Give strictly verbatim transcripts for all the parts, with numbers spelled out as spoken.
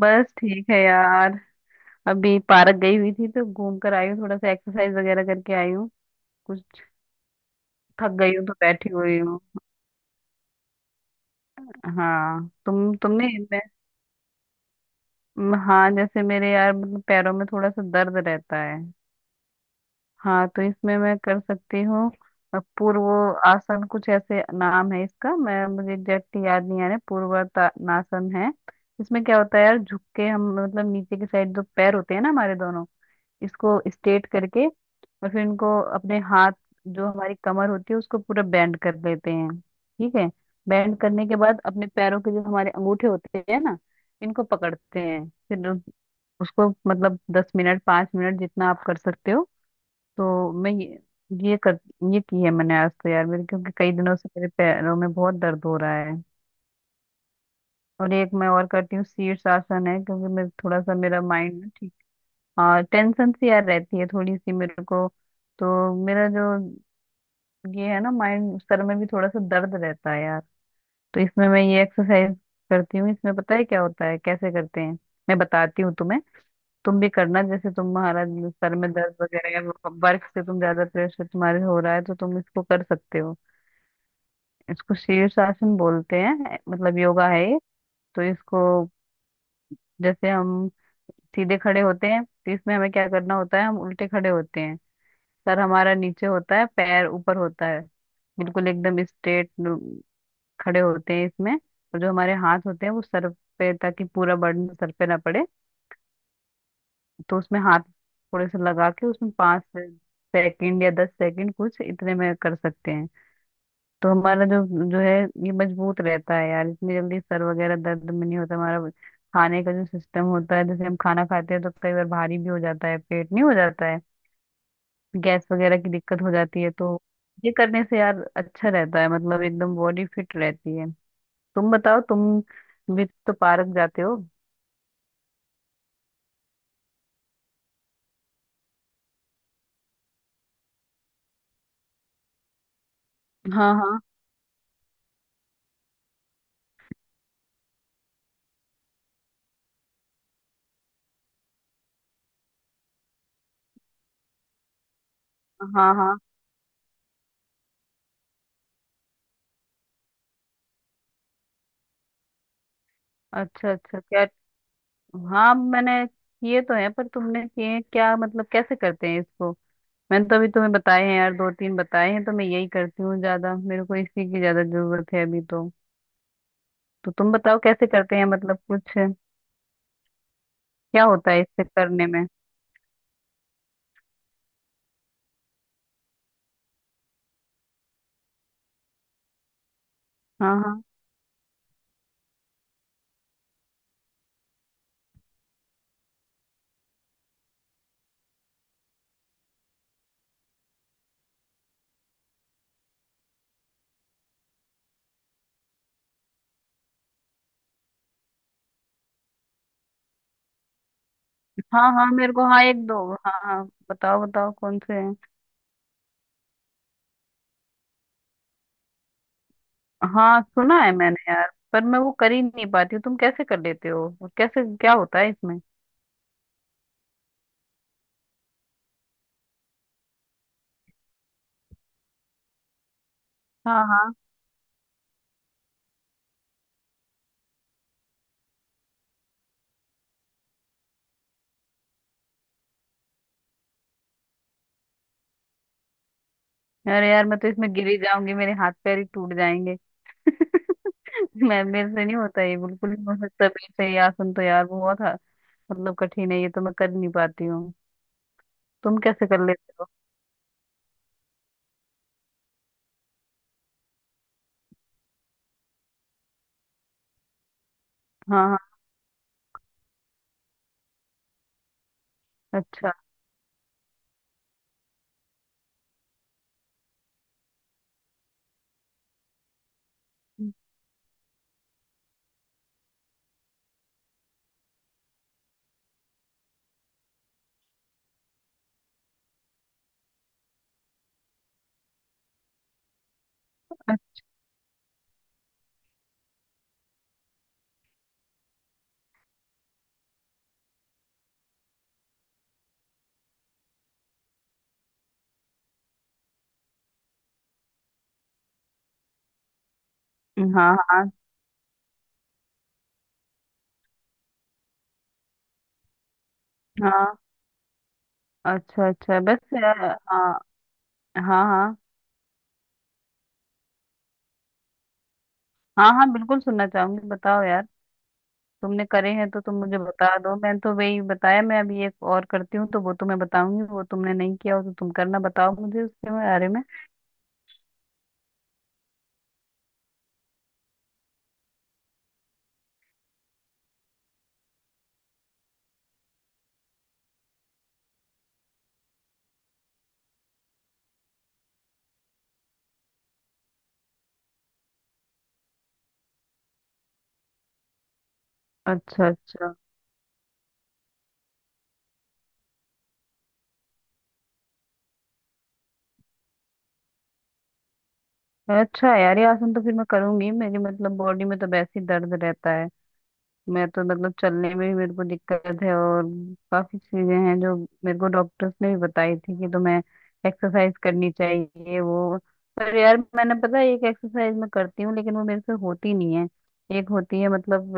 बस ठीक है यार। अभी पार्क गई हुई थी तो घूम कर आई हूँ, थोड़ा सा एक्सरसाइज वगैरह करके आई हूँ। कुछ थक गई हूँ तो बैठी हुई हूँ। हाँ तुम तुमने मैं म- हाँ, जैसे मेरे यार मतलब पैरों में थोड़ा सा दर्द रहता है। हाँ तो इसमें मैं कर सकती हूँ। अ, पूर्व आसन कुछ ऐसे नाम है इसका, मैं मुझे एग्जैक्टली याद नहीं आ रहा, पूर्वातानासन है। इसमें क्या होता है यार, झुक के हम मतलब नीचे की साइड जो पैर होते हैं ना हमारे दोनों, इसको स्ट्रेट करके और फिर इनको अपने हाथ, जो हमारी कमर होती है उसको पूरा बैंड कर लेते हैं। ठीक है। बैंड करने के बाद अपने पैरों के जो हमारे अंगूठे होते हैं ना, इनको पकड़ते हैं फिर, उसको मतलब दस मिनट पाँच मिनट जितना आप कर सकते हो। तो मैं ये ये कर ये की है मैंने आज, तो यार मेरे, क्योंकि कई दिनों से मेरे पैरों में बहुत दर्द हो रहा है। और एक मैं और करती हूँ, शीर्ष आसन है, क्योंकि मैं थोड़ा सा मेरा माइंड, हाँ टेंशन सी यार रहती है थोड़ी सी मेरे को। तो मेरा जो ये है ना, माइंड सर में भी थोड़ा सा दर्द रहता है यार। तो इसमें मैं ये एक्सरसाइज करती हूँ। इसमें पता है क्या होता है कैसे करते हैं, मैं बताती हूँ तुम्हें। तुम भी करना, जैसे तुम्हारा सर में दर्द वगैरह है, वर्क से तुम ज्यादा प्रेशर तुम्हारे हो रहा है, तो तुम इसको कर सकते हो। इसको शीर्षासन बोलते हैं, मतलब योगा है ये। तो इसको, जैसे हम सीधे खड़े होते हैं, तो इसमें हमें क्या करना होता है, हम उल्टे खड़े होते हैं। सर हमारा नीचे होता है, पैर ऊपर होता है, बिल्कुल एकदम स्ट्रेट खड़े होते हैं इसमें। और जो हमारे हाथ होते हैं वो सर पे, ताकि पूरा बर्डन सर पे ना पड़े। तो उसमें हाथ थोड़े से लगा के, उसमें पाँच से- सेकंड या दस सेकंड, कुछ इतने में कर सकते हैं। तो हमारा जो जो है, ये मजबूत रहता है यार, इतनी जल्दी सर वगैरह दर्द में नहीं होता हमारा। खाने का जो सिस्टम होता है, जैसे हम खाना खाते हैं तो कई बार भारी भी हो जाता है पेट, नहीं हो जाता है, गैस वगैरह की दिक्कत हो जाती है, तो ये करने से यार अच्छा रहता है, मतलब एकदम बॉडी फिट रहती है। तुम बताओ, तुम भी तो पार्क जाते हो। हाँ हाँ, हाँ हाँ। अच्छा अच्छा, क्या? हाँ मैंने किए तो हैं, पर तुमने किए हैं क्या, मतलब कैसे करते हैं इसको? मैंने तो अभी तुम्हें बताए हैं यार, दो तीन बताए हैं, तो मैं यही करती हूँ ज्यादा, मेरे को इसी की ज्यादा जरूरत है अभी तो। तो तुम बताओ कैसे करते हैं, मतलब कुछ क्या होता है इससे करने में। हाँ हाँ। हाँ हाँ मेरे को, हाँ एक दो, हाँ हाँ बताओ बताओ, कौन से हैं। हाँ सुना है मैंने यार, पर मैं वो कर ही नहीं पाती हूँ, तुम कैसे कर लेते हो, वो कैसे क्या होता है इसमें। हाँ हाँ। अरे यार मैं तो इसमें गिरी जाऊंगी, मेरे हाथ पैर ही टूट जाएंगे। मैं, मेरे से नहीं होता ये, बिल्कुल नहीं हो सकता मेरे से यार, सुन, तो यार बहुत हा- मतलब कठिन है ये, तो मैं कर नहीं पाती हूँ। तुम कैसे कर लेते हो? हाँ हाँ। अच्छा अच्छा, हाँ हाँ। अच्छा अच्छा, बस यार, हाँ हाँ। हाँ हाँ, हाँ बिल्कुल सुनना चाहूंगी, बताओ यार। तुमने करे हैं तो तुम मुझे बता दो, मैंने तो वही बताया, मैं अभी एक और करती हूँ तो वो तुम्हें बताऊंगी, वो तुमने नहीं किया हो तो तुम करना, बताओ मुझे उसके बारे में। अच्छा अच्छा। अच्छा यार, ये आसन तो फिर मैं करूंगी, मेरी मतलब बॉडी में तो वैसे ही दर्द रहता है, मैं तो मतलब चलने में भी मेरे को दिक्कत है, और काफी चीजें हैं जो मेरे को डॉक्टर्स ने भी बताई थी कि तुम्हें एक्सरसाइज करनी चाहिए वो। पर यार, मैंने पता है एक एक्सरसाइज मैं करती हूँ, लेकिन वो मेरे से होती नहीं है। एक होती है मतलब,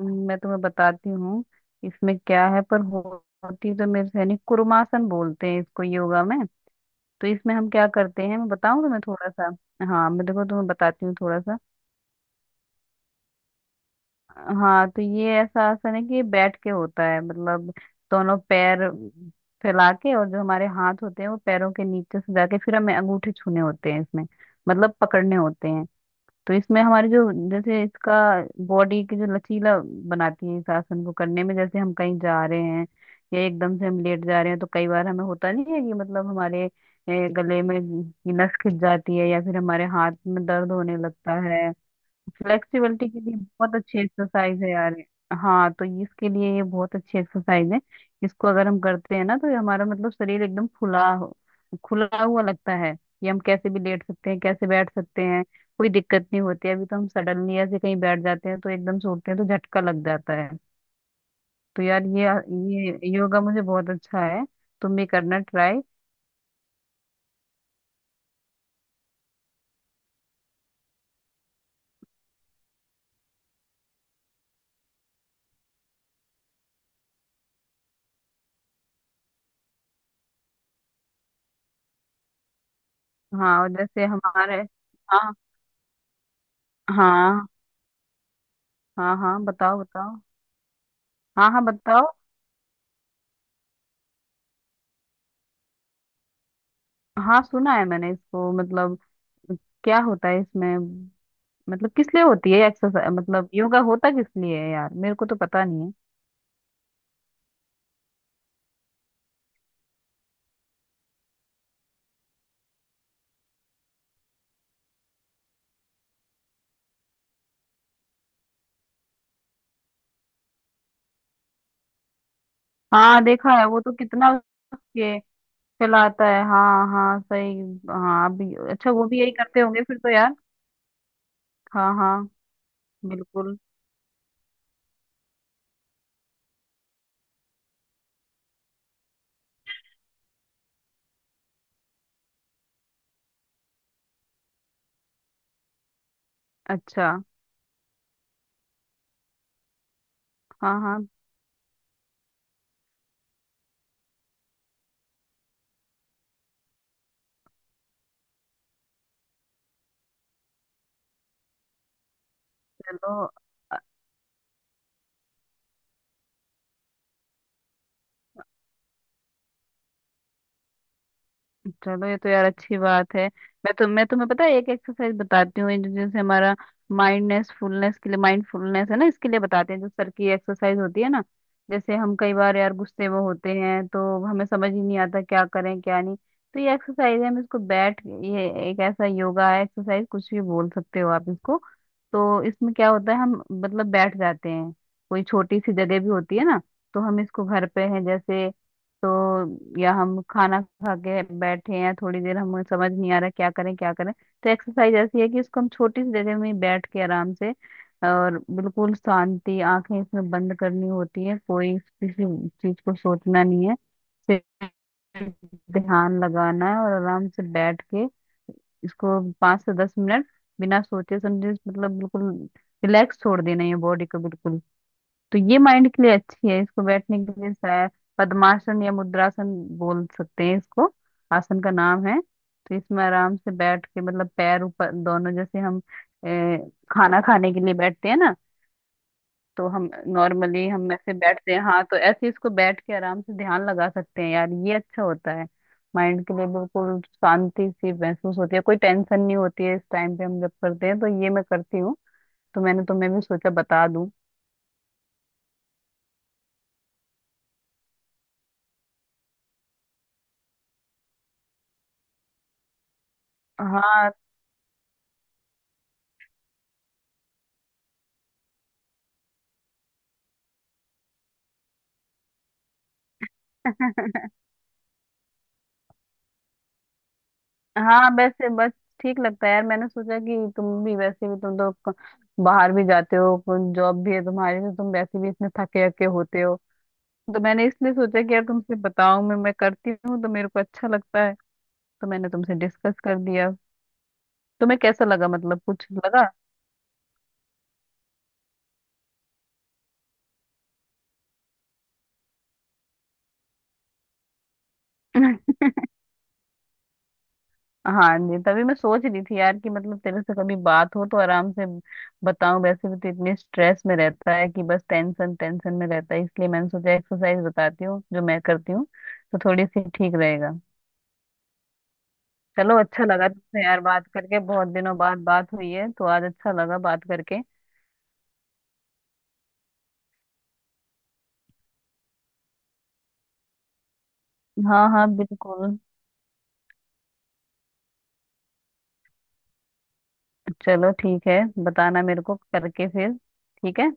मैं तुम्हें बताती हूँ। इसमें क्या है, पर हो- होती तो मेरे से नहीं, कुरुमासन बोलते हैं इसको योगा में। तो इसमें हम क्या करते हैं, मैं बताऊँ तुम्हें थोड़ा सा। हाँ, मैं देखो तुम्हें बताती हूँ थोड़ा सा। हाँ तो ये ऐसा आसन है कि ये बैठ के होता है, मतलब दोनों पैर फैला के, और जो हमारे हाथ होते हैं वो पैरों के नीचे से जाके फिर हमें अंगूठे छूने होते हैं इसमें, मतलब पकड़ने होते हैं। तो इसमें हमारी जो, जैसे इसका बॉडी की जो लचीला बनाती है इस आसन को करने में। जैसे हम कहीं जा रहे हैं या एकदम से हम लेट जा रहे हैं तो कई बार हमें होता नहीं है कि, मतलब हमारे ए, गले में की नस खिंच जाती है, या फिर हमारे हाथ में दर्द होने लगता है। फ्लेक्सिबिलिटी के लिए बहुत अच्छी एक्सरसाइज है यार ये। हाँ तो ये- इसके लिए ये बहुत अच्छी एक्सरसाइज है। इसको अगर हम करते हैं ना तो ये हमारा मतलब शरीर एकदम खुला हो खुला हुआ लगता है, कि हम कैसे भी लेट सकते हैं, कैसे बैठ सकते हैं, कोई दिक्कत नहीं होती। अभी तो हम सडनली ऐसे कहीं बैठ जाते हैं तो एकदम से उठते हैं तो झटका लग जाता है। तो यार ये ये योगा मुझे बहुत अच्छा है, तुम भी करना ट्राई। हाँ और जैसे हमारे, हाँ, हाँ। हाँ हाँ बताओ बताओ। हाँ हाँ बताओ। हाँ सुना है मैंने इसको, मतलब क्या होता है इसमें, मतलब किस लिए होती है एक्सरसाइज, मतलब योगा होता किस लिए है यार, मेरे को तो पता नहीं है। हाँ देखा है, वो तो कितना, उसके फैलाता है, हाँ हाँ सही। हाँ अभी, अच्छा वो भी यही करते होंगे फिर, तो यार। हाँ हाँ बिल्कुल। अच्छा, हाँ हाँ। चलो, चलो ये तो यार अच्छी बात है। मैं तो, मैं तुम्हें पता है, एक एक्सरसाइज बताती हूँ, ये जो- जैसे हमारा माइंडनेस फुलनेस के लिए माइंडफुलनेस है ना, इसके लिए बताते हैं, जो सर की एक्सरसाइज होती है ना। जैसे हम कई बार यार गुस्से में होते हैं तो हमें समझ ही नहीं आता क्या करें क्या नहीं। तो ये एक्सरसाइज है, हम इसको बैठ ये एक ऐसा योगा है, एक्सरसाइज कुछ भी बोल सकते हो आप इसको। तो इसमें क्या होता है, हम मतलब बैठ जाते हैं, कोई छोटी सी जगह भी होती है ना, तो हम इसको, घर पे हैं जैसे, तो, या हम खाना खा के बैठे हैं थोड़ी देर, हमें समझ नहीं आ रहा क्या करें क्या करें, तो एक्सरसाइज ऐसी है कि उसको हम छोटी सी जगह में बैठ के आराम से, और बिल्कुल शांति, आंखें इसमें बंद करनी होती है, कोई किसी चीज को सोचना नहीं है, सिर्फ ध्यान लगाना है, और आराम से बैठ के इसको पाँच से दस मिनट, बिना सोचे समझे, मतलब बिल्कुल रिलैक्स छोड़ देना है बॉडी को बिल्कुल। तो ये माइंड के लिए अच्छी है। इसको बैठने के लिए शायद पद्मासन या मुद्रासन बोल सकते हैं इसको, आसन का नाम है। तो इसमें आराम से बैठ के मतलब पैर ऊपर दोनों, जैसे हम ए, खाना खाने के लिए बैठते हैं ना, तो हम नॉर्मली हम ऐसे बैठते हैं हाँ, तो ऐसे इसको बैठ के आराम से ध्यान लगा सकते हैं यार, ये अच्छा होता है माइंड के लिए। बिल्कुल शांति सी महसूस होती है, कोई टेंशन नहीं होती है इस टाइम पे हम जब करते हैं, तो ये मैं करती हूँ, तो मैंने तुम्हें भी सोचा बता दूं। हाँ। हाँ वैसे, बस ठीक लगता है यार, मैंने सोचा कि तुम भी, वैसे भी तुम तो क- बाहर भी जाते हो, जॉब भी है तुम्हारी, तो तुम वैसे भी इसमें थके हके होते हो। तो मैंने इसलिए सोचा कि यार तुमसे बताऊं, मैं मैं करती हूँ तो मेरे को अच्छा लगता है, तो मैंने तुमसे डिस्कस कर दिया। तुम्हें कैसा लगा, मतलब कुछ लगा? हाँ जी, तभी मैं सोच रही थी यार कि मतलब तेरे से कभी बात हो तो आराम से बताऊं, वैसे भी तो इतने स्ट्रेस में रहता है कि बस टेंशन टेंशन में रहता है, इसलिए मैंने सोचा एक्सरसाइज बताती हूँ जो मैं करती हूँ, तो थोड़ी सी ठीक रहेगा। चलो, अच्छा लगा तुमसे यार बात करके, बहुत दिनों बाद बात हुई है तो आज अच्छा लगा बात करके। हाँ हाँ बिल्कुल। चलो ठीक है, बताना मेरे को करके फिर। ठीक है।